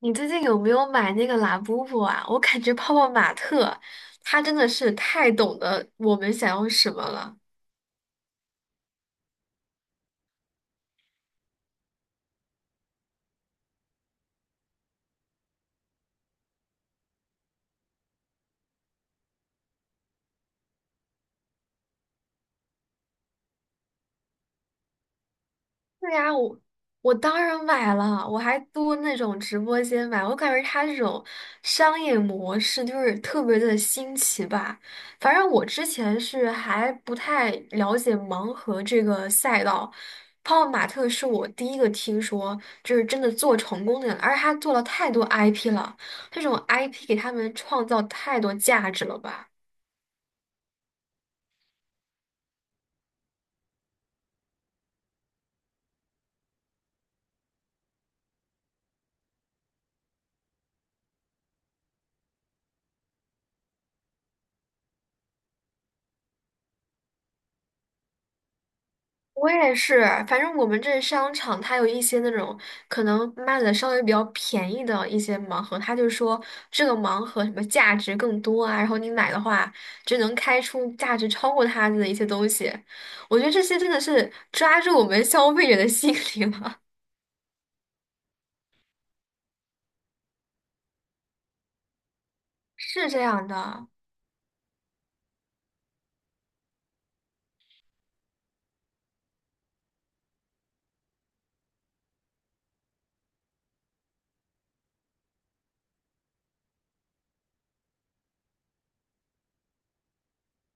你最近有没有买那个拉布布啊？我感觉泡泡玛特他真的是太懂得我们想要什么了。对呀，我当然买了，我还多那种直播间买，我感觉他这种商业模式就是特别的新奇吧。反正我之前是还不太了解盲盒这个赛道，泡泡玛特是我第一个听说，就是真的做成功的人，而且他做了太多 IP 了，这种 IP 给他们创造太多价值了吧。我也是，反正我们这商场它有一些那种可能卖的稍微比较便宜的一些盲盒，它就说这个盲盒什么价值更多啊，然后你买的话就能开出价值超过它的一些东西。我觉得这些真的是抓住我们消费者的心理了，是这样的。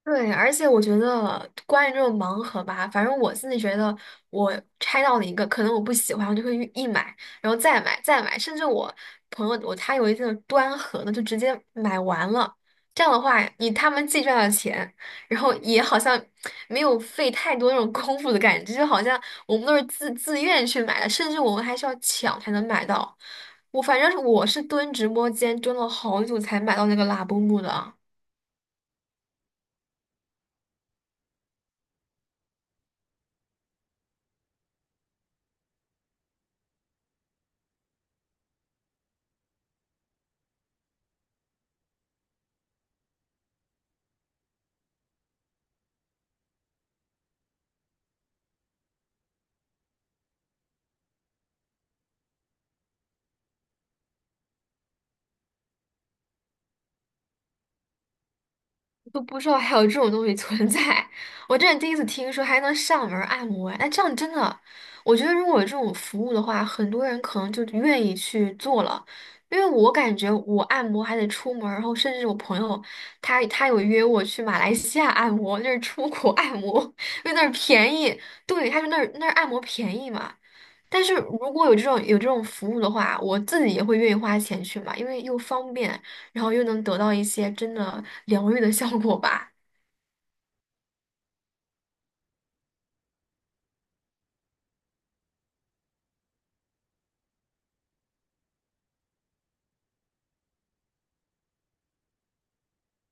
对，而且我觉得关于这种盲盒吧，反正我自己觉得，我拆到了一个，可能我不喜欢，我就会一买，然后再买，再买，甚至我朋友他有一次端盒的，就直接买完了。这样的话，你他们既赚了钱，然后也好像没有费太多那种功夫的感觉，就好像我们都是自愿去买的，甚至我们还需要抢才能买到。反正我是蹲直播间蹲了好久才买到那个拉布木的。都不知道还有这种东西存在，我真是第一次听说还能上门按摩。哎，这样真的，我觉得如果有这种服务的话，很多人可能就愿意去做了。因为我感觉我按摩还得出门儿然后甚至我朋友他有约我去马来西亚按摩，就是出国 按摩，因为那儿便宜。对，他说那儿按摩便宜嘛，但是如果有这种服务的话，我自己也会愿意花钱去买，因为又方便，然后又能得到一些真的疗愈的效果吧。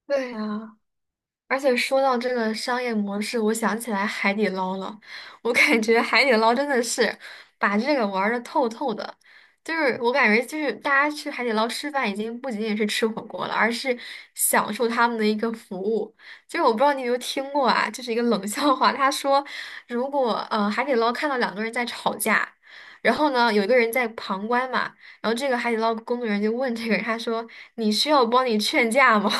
对呀，而且说到这个商业模式，我想起来海底捞了。我感觉海底捞真的是把这个玩的透透的，就是我感觉就是大家去海底捞吃饭，已经不仅仅是吃火锅了，而是享受他们的一个服务。就是我不知道你有没有听过啊，就是一个冷笑话，他说如果海底捞看到两个人在吵架，然后呢有一个人在旁观嘛，然后这个海底捞工作人员就问这个人，他说你需要我帮你劝架吗？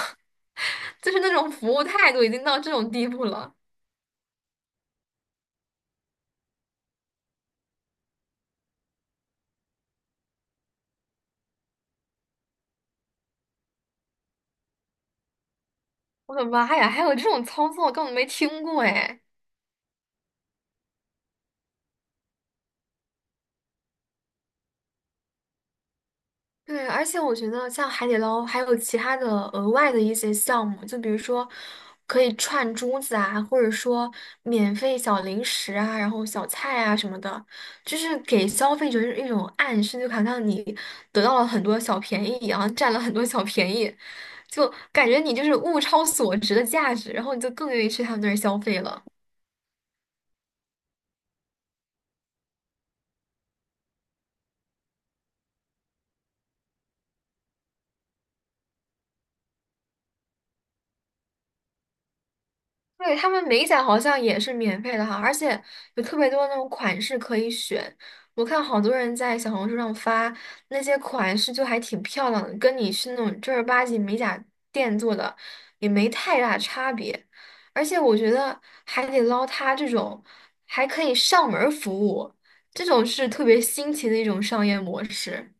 就是那种服务态度已经到这种地步了。我的妈呀，还有这种操作，根本没听过哎。对，而且我觉得像海底捞还有其他的额外的一些项目，就比如说可以串珠子啊，或者说免费小零食啊，然后小菜啊什么的，就是给消费者一种暗示，就好像你得到了很多小便宜一样，占了很多小便宜，就感觉你就是物超所值的价值，然后你就更愿意去他们那儿消费了。对，他们美甲好像也是免费的哈，而且有特别多那种款式可以选。我看好多人在小红书上发那些款式，就还挺漂亮的，跟你去那种正儿八经美甲店做的也没太大差别。而且我觉得海底捞它这种还可以上门儿服务，这种是特别新奇的一种商业模式。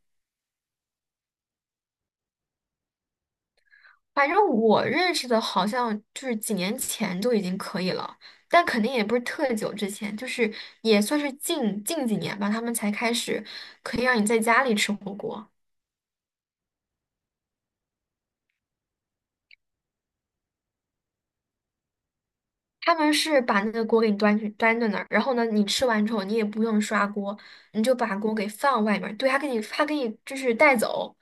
反正我认识的，好像就是几年前就已经可以了，但肯定也不是特久之前，就是也算是近几年吧，他们才开始可以让你在家里吃火锅。他们是把那个锅给你端在那儿，然后呢，你吃完之后你也不用刷锅，你就把锅给放外面儿对，他给你就是带走。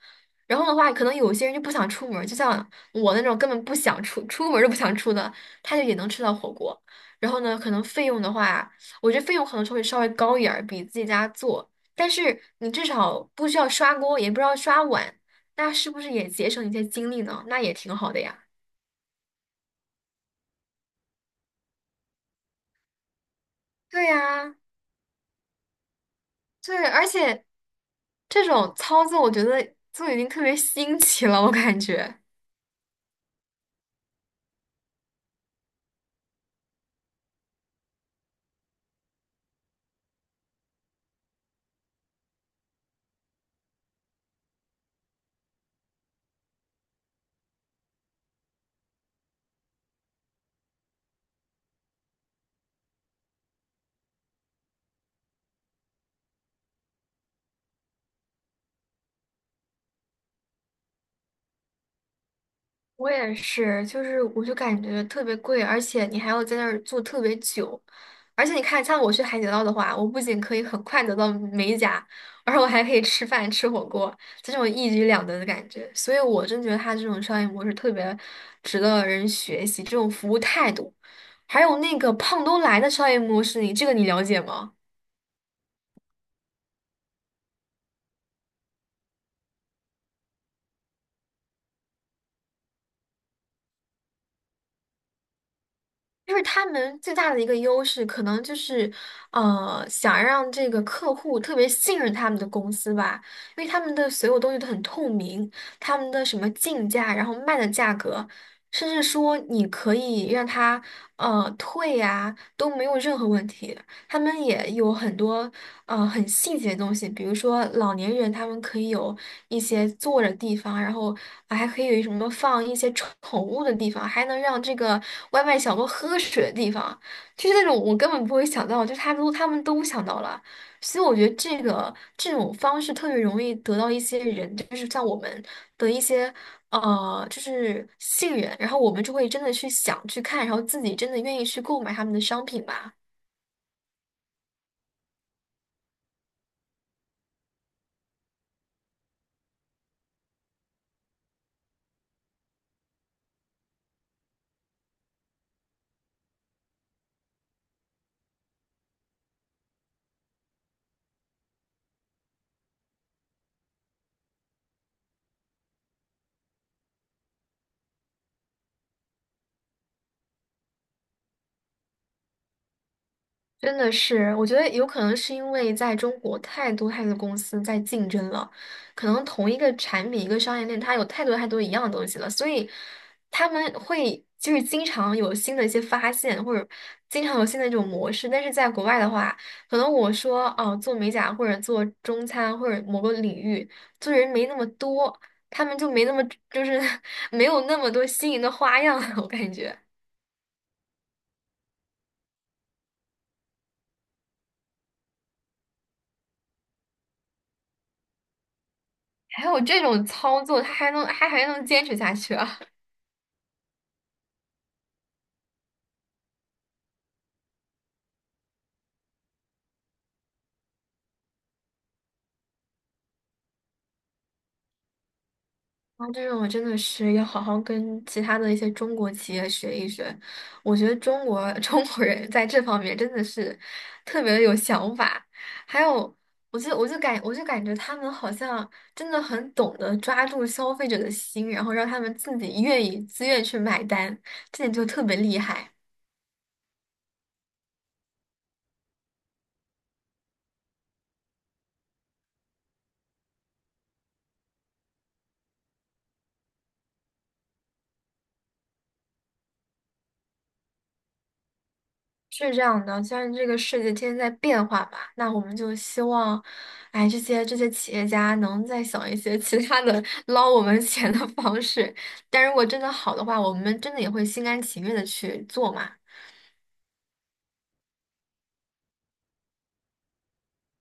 然后的话，可能有些人就不想出门儿就像我那种根本不想出门儿都不想出的，他就也能吃到火锅。然后呢，可能费用的话，我觉得费用可能稍微高一点儿，比自己家做，但是你至少不需要刷锅，也不需要刷碗，那是不是也节省一些精力呢？那也挺好的呀。对呀，对，而且这种操作我觉得就已经特别新奇了，我感觉。我也是，我就感觉特别贵，而且你还要在那儿坐特别久，而且你看，像我去海底捞的话，我不仅可以很快得到美甲，而我还可以吃饭吃火锅，这种一举两得的感觉。所以我真觉得他这种商业模式特别值得人学习，这种服务态度，还有那个胖东来的商业模式，你这个你了解吗？就是他们最大的一个优势，可能就是，想让这个客户特别信任他们的公司吧，因为他们的所有东西都很透明，他们的什么进价，然后卖的价格，甚至说你可以让他退呀、都没有任何问题。他们也有很多很细节的东西，比如说老年人他们可以有一些坐着地方，然后啊还可以有什么放一些宠物的地方，还能让这个外卖小哥喝水的地方，就是那种我根本不会想到，就是他们都想到了，所以我觉得这种方式特别容易得到一些人，就是像我们的一些。就是信任，然后我们就会真的去想去看，然后自己真的愿意去购买他们的商品吧。真的是，我觉得有可能是因为在中国太多公司在竞争了，可能同一个产品、一个商业链，它有太多一样的东西了，所以他们会就是经常有新的一些发现，或者经常有新的一种模式。但是在国外的话，可能我说哦，做美甲或者做中餐或者某个领域，做人没那么多，他们就没那么就是 没有那么多新颖的花样了我感觉。还有这种操作，他还能坚持下去啊？啊，这种我真的是要好好跟其他的一些中国企业学一学。我觉得中国 中国人在这方面真的是特别的有想法，还有，我就感觉他们好像真的很懂得抓住消费者的心，然后让他们自己愿意自愿去买单，这点就特别厉害。是这样的，虽然这个世界天天在变化吧，那我们就希望，哎，这些企业家能再想一些其他的 捞我们 钱的方式。但如果真的好的话，我们真的也会心甘情愿的去做嘛。